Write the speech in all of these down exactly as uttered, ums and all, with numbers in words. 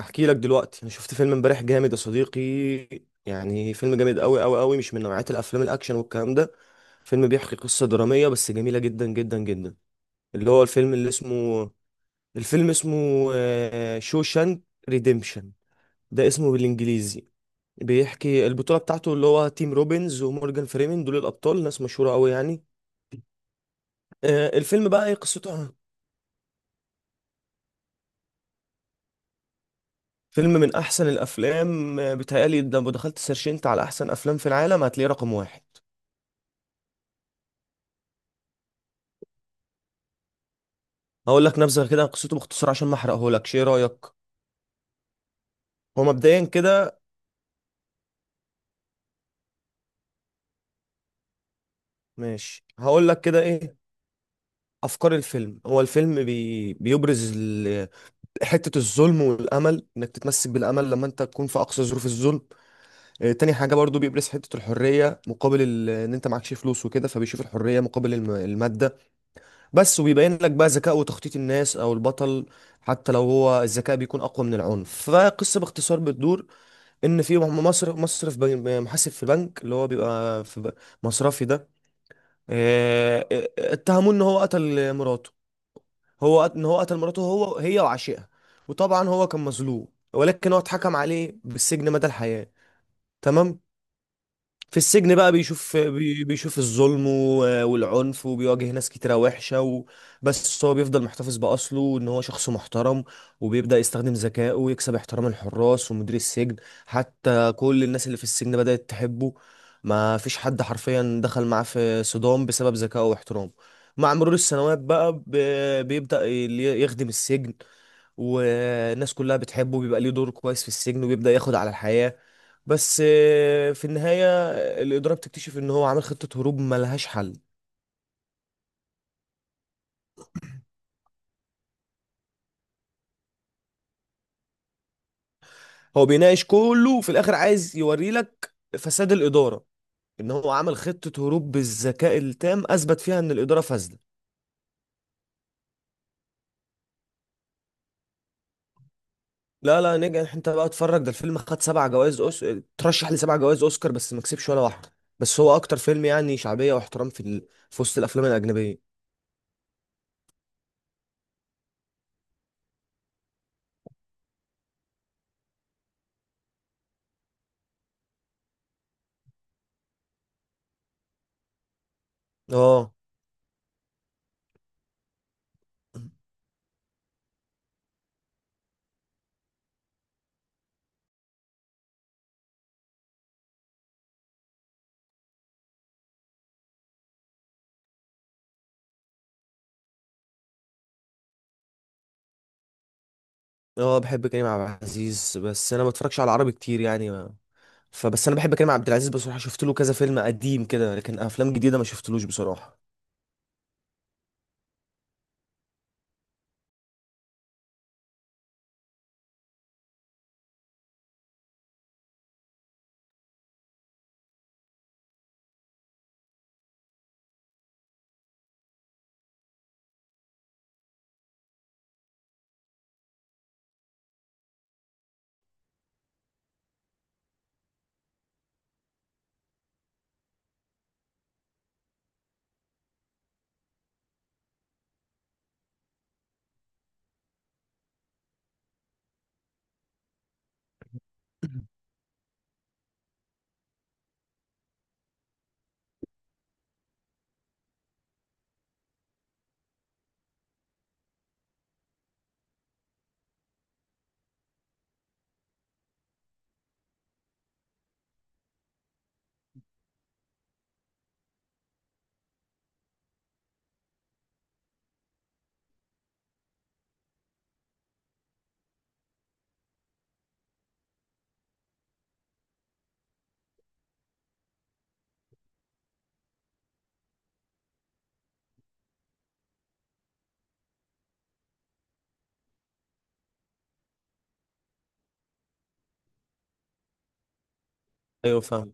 احكي لك دلوقتي انا شفت فيلم امبارح جامد يا صديقي. يعني فيلم جامد قوي قوي قوي مش من نوعية الافلام الاكشن والكلام ده. فيلم بيحكي قصة درامية بس جميلة جدا جدا جدا. اللي هو الفيلم اللي اسمه، الفيلم اسمه آه، شوشانك ريديمشن، ده اسمه بالانجليزي. بيحكي البطولة بتاعته اللي هو تيم روبنز ومورجان فريمن، دول الابطال ناس مشهورة قوي يعني. آه، الفيلم بقى ايه قصته؟ فيلم من احسن الافلام، آه، بيتهيألي ده لو دخلت سيرشنت على احسن افلام في العالم هتلاقيه رقم واحد. هقول لك نبذه كده عن قصته باختصار عشان ما احرقهولكش، ايه رايك؟ هو مبدئيا كده. ماشي هقول لك كده ايه افكار الفيلم. هو الفيلم بي... بيبرز ال... حته الظلم والامل، انك تتمسك بالامل لما انت تكون في اقصى ظروف الظلم. آه، تاني حاجه برضو بيبرز حته الحريه مقابل ال... ان انت معكش فلوس وكده، فبيشوف الحريه مقابل الم... الماده بس. وبيبين لك بقى ذكاء وتخطيط الناس او البطل، حتى لو هو الذكاء بيكون اقوى من العنف. فقصه باختصار بتدور ان في مصر مصرف بن- محاسب في البنك اللي هو بيبقى في ب- مصرفي ده. آه، آه، اتهموه ان هو قتل مراته، هو قت- ان هو قتل مراته هو، هي وعشيقها. وطبعا هو كان مظلوم ولكن هو اتحكم عليه بالسجن مدى الحياة، تمام. في السجن بقى بيشوف بي- بيشوف الظلم و- والعنف وبيواجه ناس كتيرة وحشة و... بس هو بيفضل محتفظ بأصله وإن هو شخص محترم. وبيبدأ يستخدم ذكائه ويكسب احترام الحراس ومدير السجن، حتى كل الناس اللي في السجن بدأت تحبه. ما فيش حد حرفيا دخل معاه في صدام بسبب ذكائه واحترامه. مع مرور السنوات بقى ب- بيبدأ ي- يخدم السجن، والناس كلها بتحبه بيبقى ليه دور كويس في السجن وبيبدأ ياخد على الحياة. بس آه، في النهاية الإدارة بتكتشف إن هو عامل خطة هروب ملهاش حل. هو بيناقش كله وفي الآخر عايز يوريلك فساد الإدارة، إن هو عمل خطة هروب بالذكاء التام أثبت فيها إن الإدارة فاسدة. لا لا نجح، انت بقى اتفرج، ده الفيلم خد سبع جوائز أوس... ترشح لسبع جوائز اوسكار بس ما كسبش ولا واحده. بس هو اكتر فيلم يعني شعبيه واحترام في ال... في وسط الافلام الاجنبيه. اه. اه، بحب كريم عبد العزيز بس انا ما بتفرجش على العربي كتير يعني ما. فبس انا بحب كريم عبد العزيز بصراحه، شفت له كذا فيلم قديم كده لكن افلام جديده ما شفتلوش بصراحه. ايوه فاهم.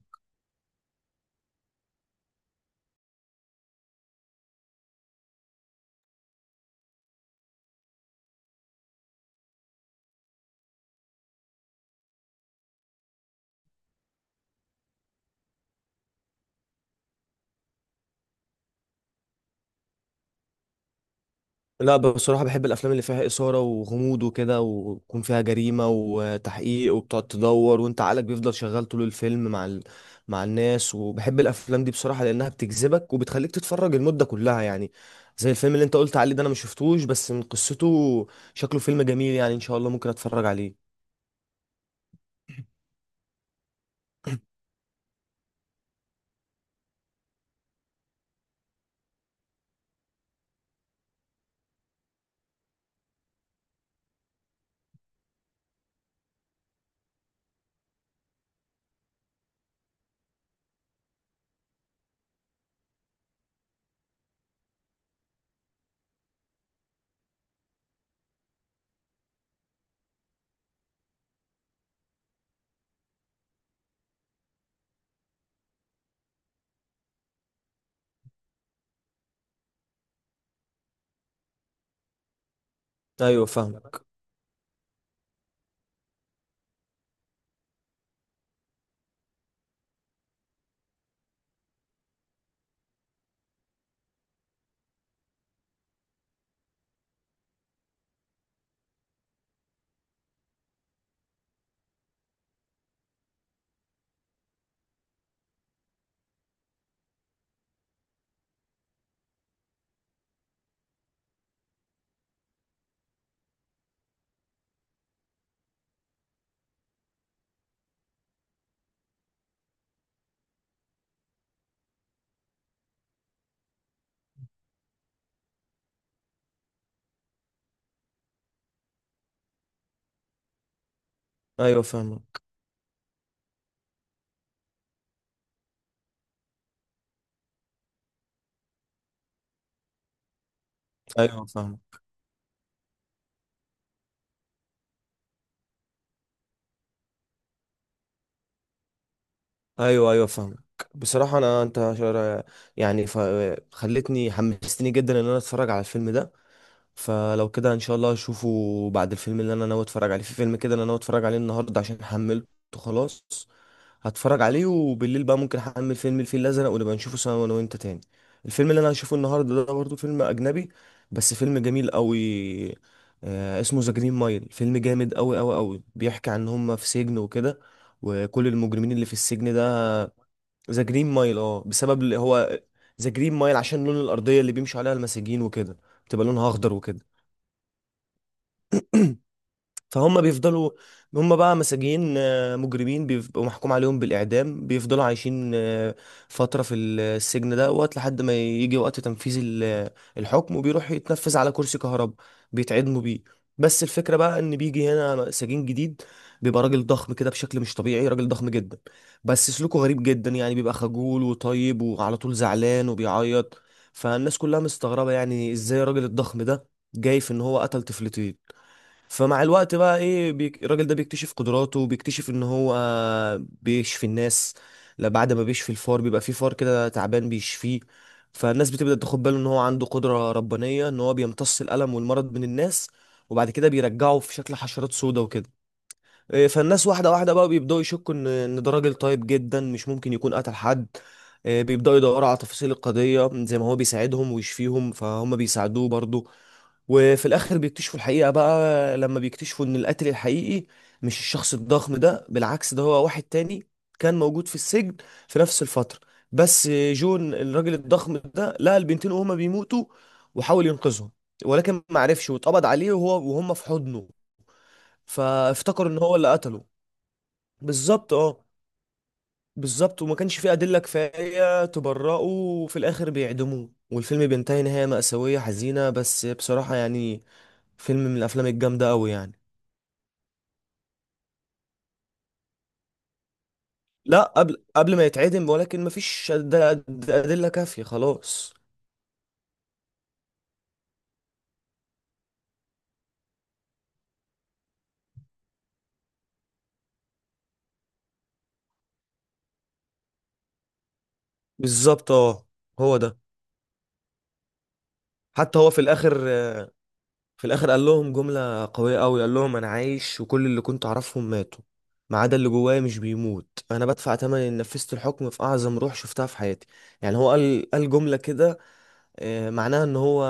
لا بصراحه بحب الافلام اللي فيها اثاره وغموض وكده ويكون فيها جريمه وتحقيق، وبتقعد تدور وانت عقلك بيفضل شغال طول الفيلم مع ال... مع الناس، وبحب الافلام دي بصراحه لانها بتجذبك وبتخليك تتفرج المده كلها يعني. زي الفيلم اللي انت قلت عليه ده انا ما شفتوش، بس من قصته شكله فيلم جميل يعني، ان شاء الله ممكن اتفرج عليه. ايوه فاهم. ايوه فاهمك. ايوه فاهمك. ايوه ايوه فاهمك. بصراحه انا انت شر- يعني ف... خلتني حمستني جدا ان انا اتفرج على الفيلم ده. فلو كده ان شاء الله اشوفه. بعد الفيلم اللي انا ناوي اتفرج عليه، في فيلم كده انا ناوي اتفرج عليه النهارده عشان حملته. خلاص هتفرج عليه، وبالليل بقى ممكن احمل فيلم الفيل الازرق ونبقى نشوفه سوا انا وانت تاني. الفيلم اللي انا هشوفه النهارده ده برضه فيلم اجنبي بس فيلم جميل قوي. آه اسمه ذا جرين مايل، فيلم جامد قوي قوي قوي بيحكي عن هم في سجن وكده، وكل المجرمين اللي في السجن ده. ذا جرين مايل اه، بسبب اللي هو ذا جرين مايل عشان لون الارضيه اللي بيمشوا عليها المساجين وكده بتبقى لونها اخضر وكده. فهم بيفضلوا، هم بقى مساجين آه، مجرمين بيبقوا محكوم عليهم بالإعدام، بيفضلوا عايشين آه، فترة في السجن ده وقت لحد ما يجي وقت تنفيذ ال- الحكم، وبيروح يتنفذ على كرسي كهرباء بيتعدموا بيه. بس الفكرة بقى إن بيجي هنا سجين جديد، بيبقى راجل ضخم كده بشكل مش طبيعي، راجل ضخم جدا بس سلوكه غريب جدا يعني، بيبقى خجول وطيب وعلى طول زعلان وبيعيط. فالناس كلها مستغربة يعني إزاي الراجل الضخم ده جاي في إن هو قتل طفلتين. فمع الوقت بقى ايه، بيك... الراجل ده بيكتشف قدراته وبيكتشف ان هو بيشفي الناس. لا بعد ما بيشفي الفار، بيبقى في فار كده تعبان بيشفيه. فالناس بتبدأ تاخد باله ان هو عنده قدرة ربانية، ان هو بيمتص الألم والمرض من الناس وبعد كده بيرجعه في شكل حشرات سودا وكده. إيه، فالناس واحدة واحدة بقى بيبدأوا يشكوا إن إن ده راجل طيب جدا مش ممكن يكون قتل حد. إيه، بيبدأوا يدوروا على تفاصيل القضية زي ما هو بيساعدهم ويشفيهم فهم بيساعدوه برضه. وفي الآخر بيكتشفوا الحقيقة بقى لما بيكتشفوا إن القاتل الحقيقي مش الشخص الضخم ده، بالعكس ده هو واحد تاني كان موجود في السجن في نفس الفترة. بس جون الراجل الضخم ده لقى البنتين وهما بيموتوا وحاول ينقذهم، ولكن ما عرفش واتقبض عليه وهو وهم في حضنه، فافتكروا ان هو اللي قتله. بالظبط اه. بالظبط، وما كانش فيه أدلة كفاية تبرئه وفي الآخر بيعدموه والفيلم بينتهي نهاية مأساوية حزينة بس بصراحة يعني فيلم من الأفلام الجامدة أوي يعني. لا قبل قبل ما يتعدم، ولكن مفيش أد- أد- أدلة كافية خلاص. بالظبط اه. هو ده. حتى هو في الآخر، في الآخر قال لهم جملة قوية أوي، قال لهم أنا عايش وكل اللي كنت أعرفهم ماتوا ما عدا اللي جوايا مش بيموت، أنا بدفع تمن إن نفذت الحكم في أعظم روح شفتها في حياتي. يعني هو قال قال جملة كده، آه، معناها ان هو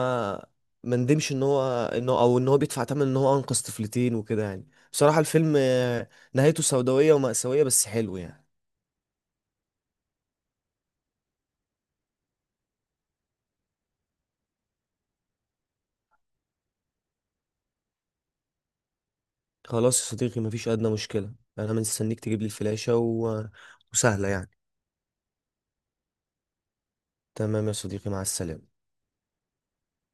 ما ندمش ان هو انه او ان هو بيدفع ثمن ان هو انقذ طفلتين وكده. يعني بصراحة الفيلم، آه، نهايته سوداوية ومأساوية بس حلو يعني. خلاص يا صديقي مفيش أدنى مشكلة، انا مستنيك تجيب لي الفلاشة و... وسهلة يعني. تمام يا صديقي، مع السلامة.